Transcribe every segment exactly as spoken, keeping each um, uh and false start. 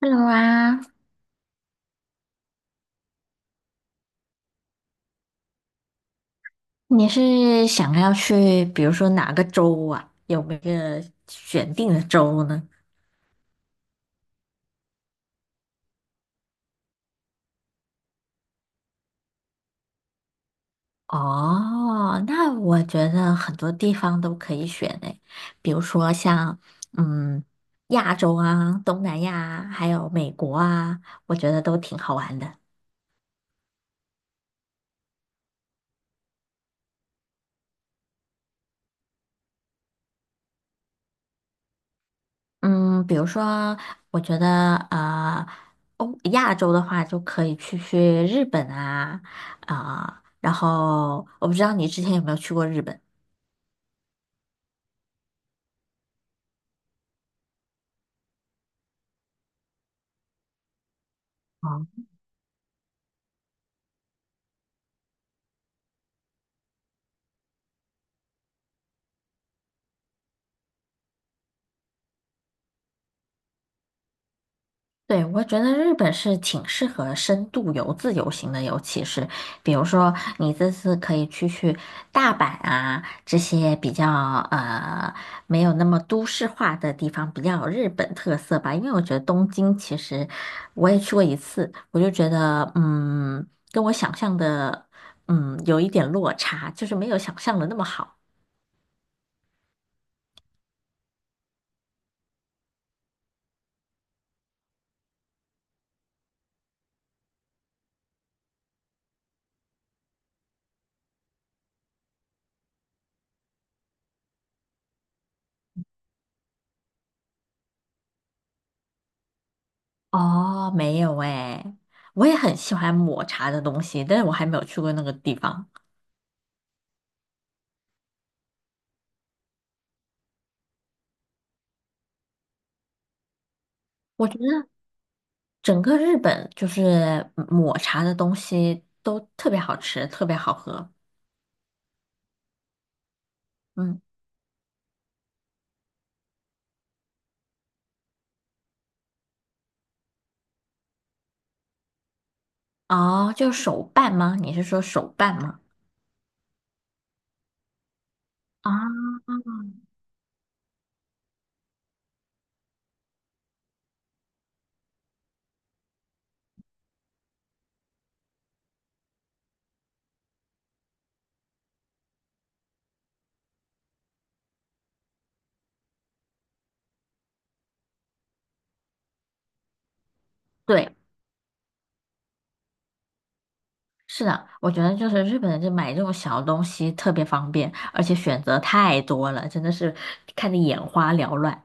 Hello 啊。你是想要去，比如说哪个州啊？有没有选定的州呢？哦，那我觉得很多地方都可以选诶，比如说像嗯亚洲啊、东南亚啊还有美国啊，我觉得都挺好玩的。嗯，比如说，我觉得呃，欧亚洲的话就可以去去日本啊。啊，然后我不知道你之前有没有去过日本。对，我觉得日本是挺适合深度游、自由行的，尤其是比如说你这次可以去去大阪啊这些比较呃没有那么都市化的地方，比较有日本特色吧。因为我觉得东京其实我也去过一次，我就觉得嗯，跟我想象的嗯有一点落差，就是没有想象的那么好。哦，没有诶，我也很喜欢抹茶的东西，但是我还没有去过那个地方。我觉得整个日本就是抹茶的东西都特别好吃，特别好喝。嗯，哦，就是手办吗？你是说手办吗？啊，对，是的，我觉得就是日本人就买这种小东西特别方便，而且选择太多了，真的是看得眼花缭乱。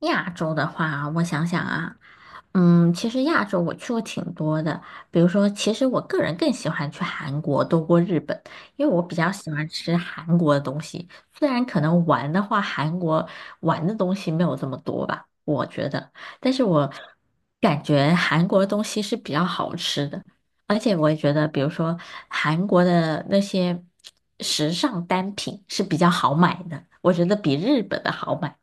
亚洲的话啊，我想想啊。嗯，其实亚洲我去过挺多的，比如说，其实我个人更喜欢去韩国多过日本，因为我比较喜欢吃韩国的东西，虽然可能玩的话，韩国玩的东西没有这么多吧，我觉得，但是我感觉韩国的东西是比较好吃的。而且我也觉得，比如说韩国的那些时尚单品是比较好买的，我觉得比日本的好买。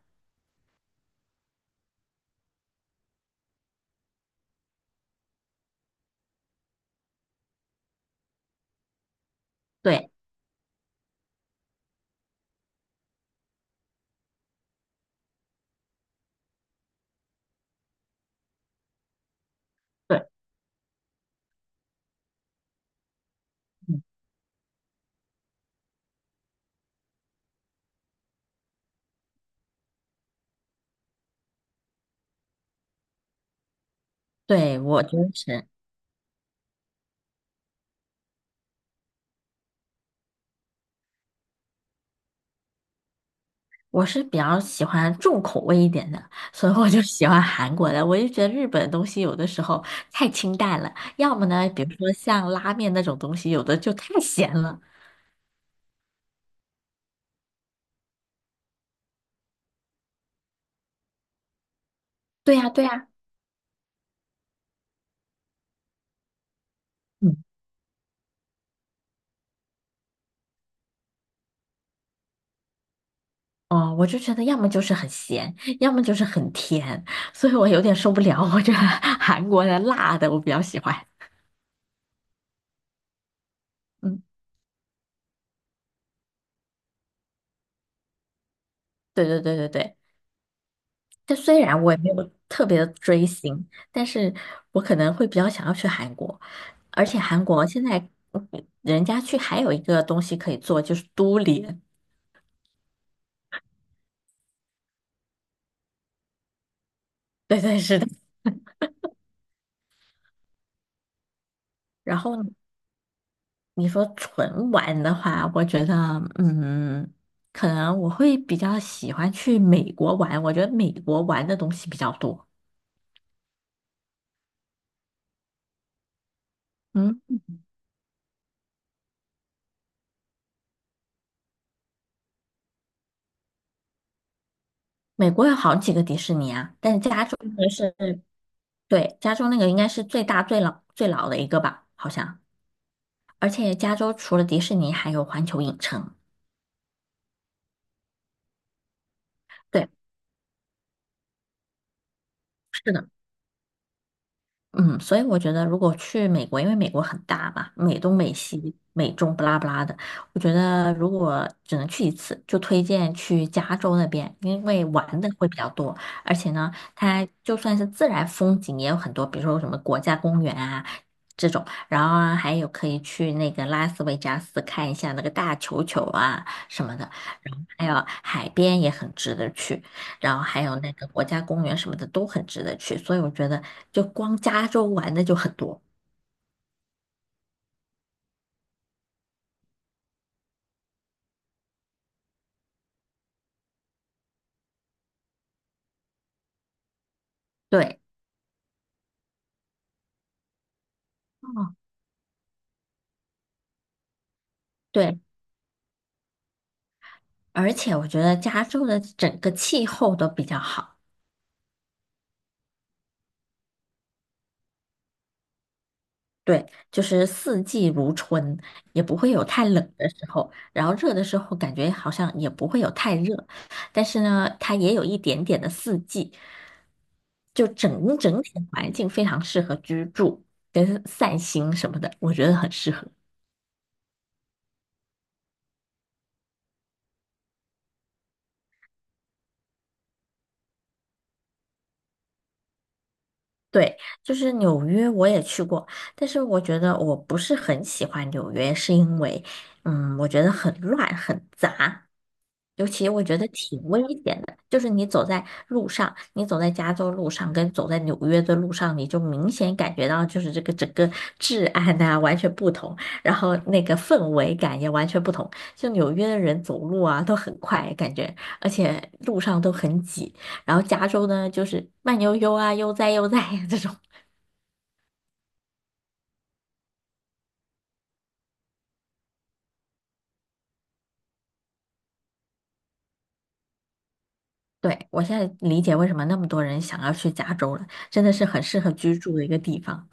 对。对。嗯，对，我就是，我是比较喜欢重口味一点的，所以我就喜欢韩国的。我就觉得日本的东西有的时候太清淡了，要么呢，比如说像拉面那种东西，有的就太咸了。对呀，对呀。嗯，哦，我就觉得要么就是很咸，要么就是很甜，所以我有点受不了。我觉得韩国的辣的我比较喜欢。嗯，对对对对对，但虽然我也没有特别的追星，但是我可能会比较想要去韩国，而且韩国现在嗯人家去还有一个东西可以做，就是都联。对对，是的。然后你说纯玩的话，我觉得嗯，可能我会比较喜欢去美国玩，我觉得美国玩的东西比较多。嗯，美国有好几个迪士尼啊，但是加州那个是，对，加州那个应该是最大最老最老的一个吧，好像。而且加州除了迪士尼，还有环球影城。对，是的。嗯，所以我觉得如果去美国，因为美国很大嘛，美东、美西、美中不拉不拉的，我觉得如果只能去一次，就推荐去加州那边，因为玩的会比较多，而且呢，它就算是自然风景也有很多，比如说什么国家公园啊。这种，然后啊还有可以去那个拉斯维加斯看一下那个大球球啊什么的。还有海边也很值得去，然后还有那个国家公园什么的都很值得去，所以我觉得就光加州玩的就很多。对，哦，对，而且我觉得加州的整个气候都比较好。对，就是四季如春，也不会有太冷的时候，然后热的时候感觉好像也不会有太热，但是呢，它也有一点点的四季，就整整体的环境非常适合居住跟散心什么的，我觉得很适合。对，就是纽约我也去过，但是我觉得我不是很喜欢纽约，是因为嗯，我觉得很乱很杂，尤其我觉得挺危险的，就是你走在路上，你走在加州路上跟走在纽约的路上，你就明显感觉到就是这个整个治安啊完全不同，然后那个氛围感也完全不同。就纽约的人走路啊都很快，感觉而且路上都很挤，然后加州呢就是慢悠悠啊悠哉悠哉呀这种。对，我现在理解为什么那么多人想要去加州了，真的是很适合居住的一个地方。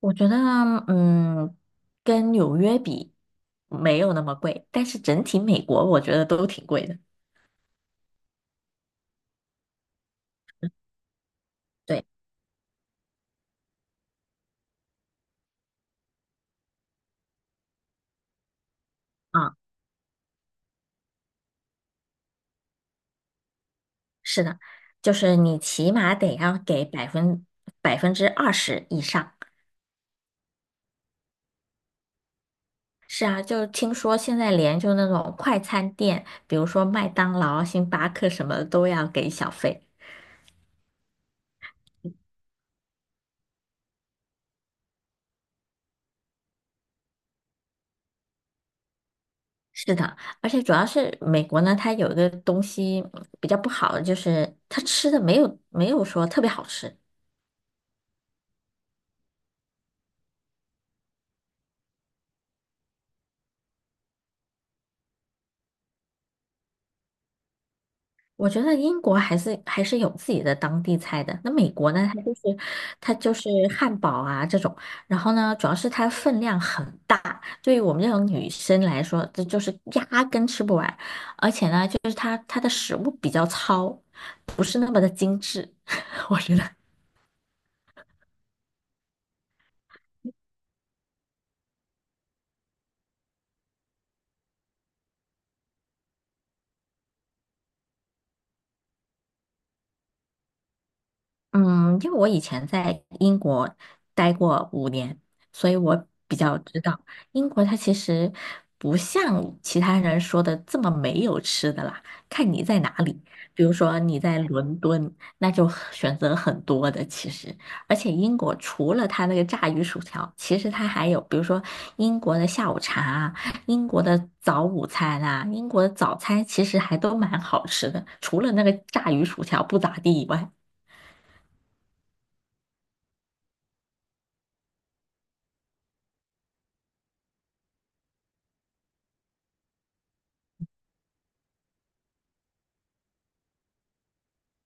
我觉得嗯，跟纽约比没有那么贵，但是整体美国我觉得都挺贵的。对，啊，是的，就是你起码得要给百分百分之二十以上。是啊，就听说现在连就那种快餐店，比如说麦当劳、星巴克什么的都要给小费。是的，而且主要是美国呢，它有一个东西嗯比较不好的，就是它吃的没有没有说特别好吃。我觉得英国还是还是有自己的当地菜的。那美国呢，它就是它就是汉堡啊这种，然后呢，主要是它分量很大，对于我们这种女生来说，这就是压根吃不完。而且呢，就是它它的食物比较糙，不是那么的精致，我觉得。嗯，因为我以前在英国待过五年，所以我比较知道英国它其实不像其他人说的这么没有吃的啦，看你在哪里。比如说你在伦敦，那就很选择很多的其实，而且英国除了它那个炸鱼薯条，其实它还有比如说英国的下午茶啊，英国的早午餐啊，英国的早餐其实还都蛮好吃的，除了那个炸鱼薯条不咋地以外。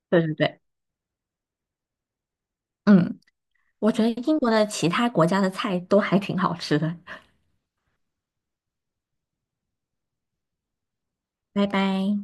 对对对。嗯，我觉得英国的其他国家的菜都还挺好吃的。拜拜。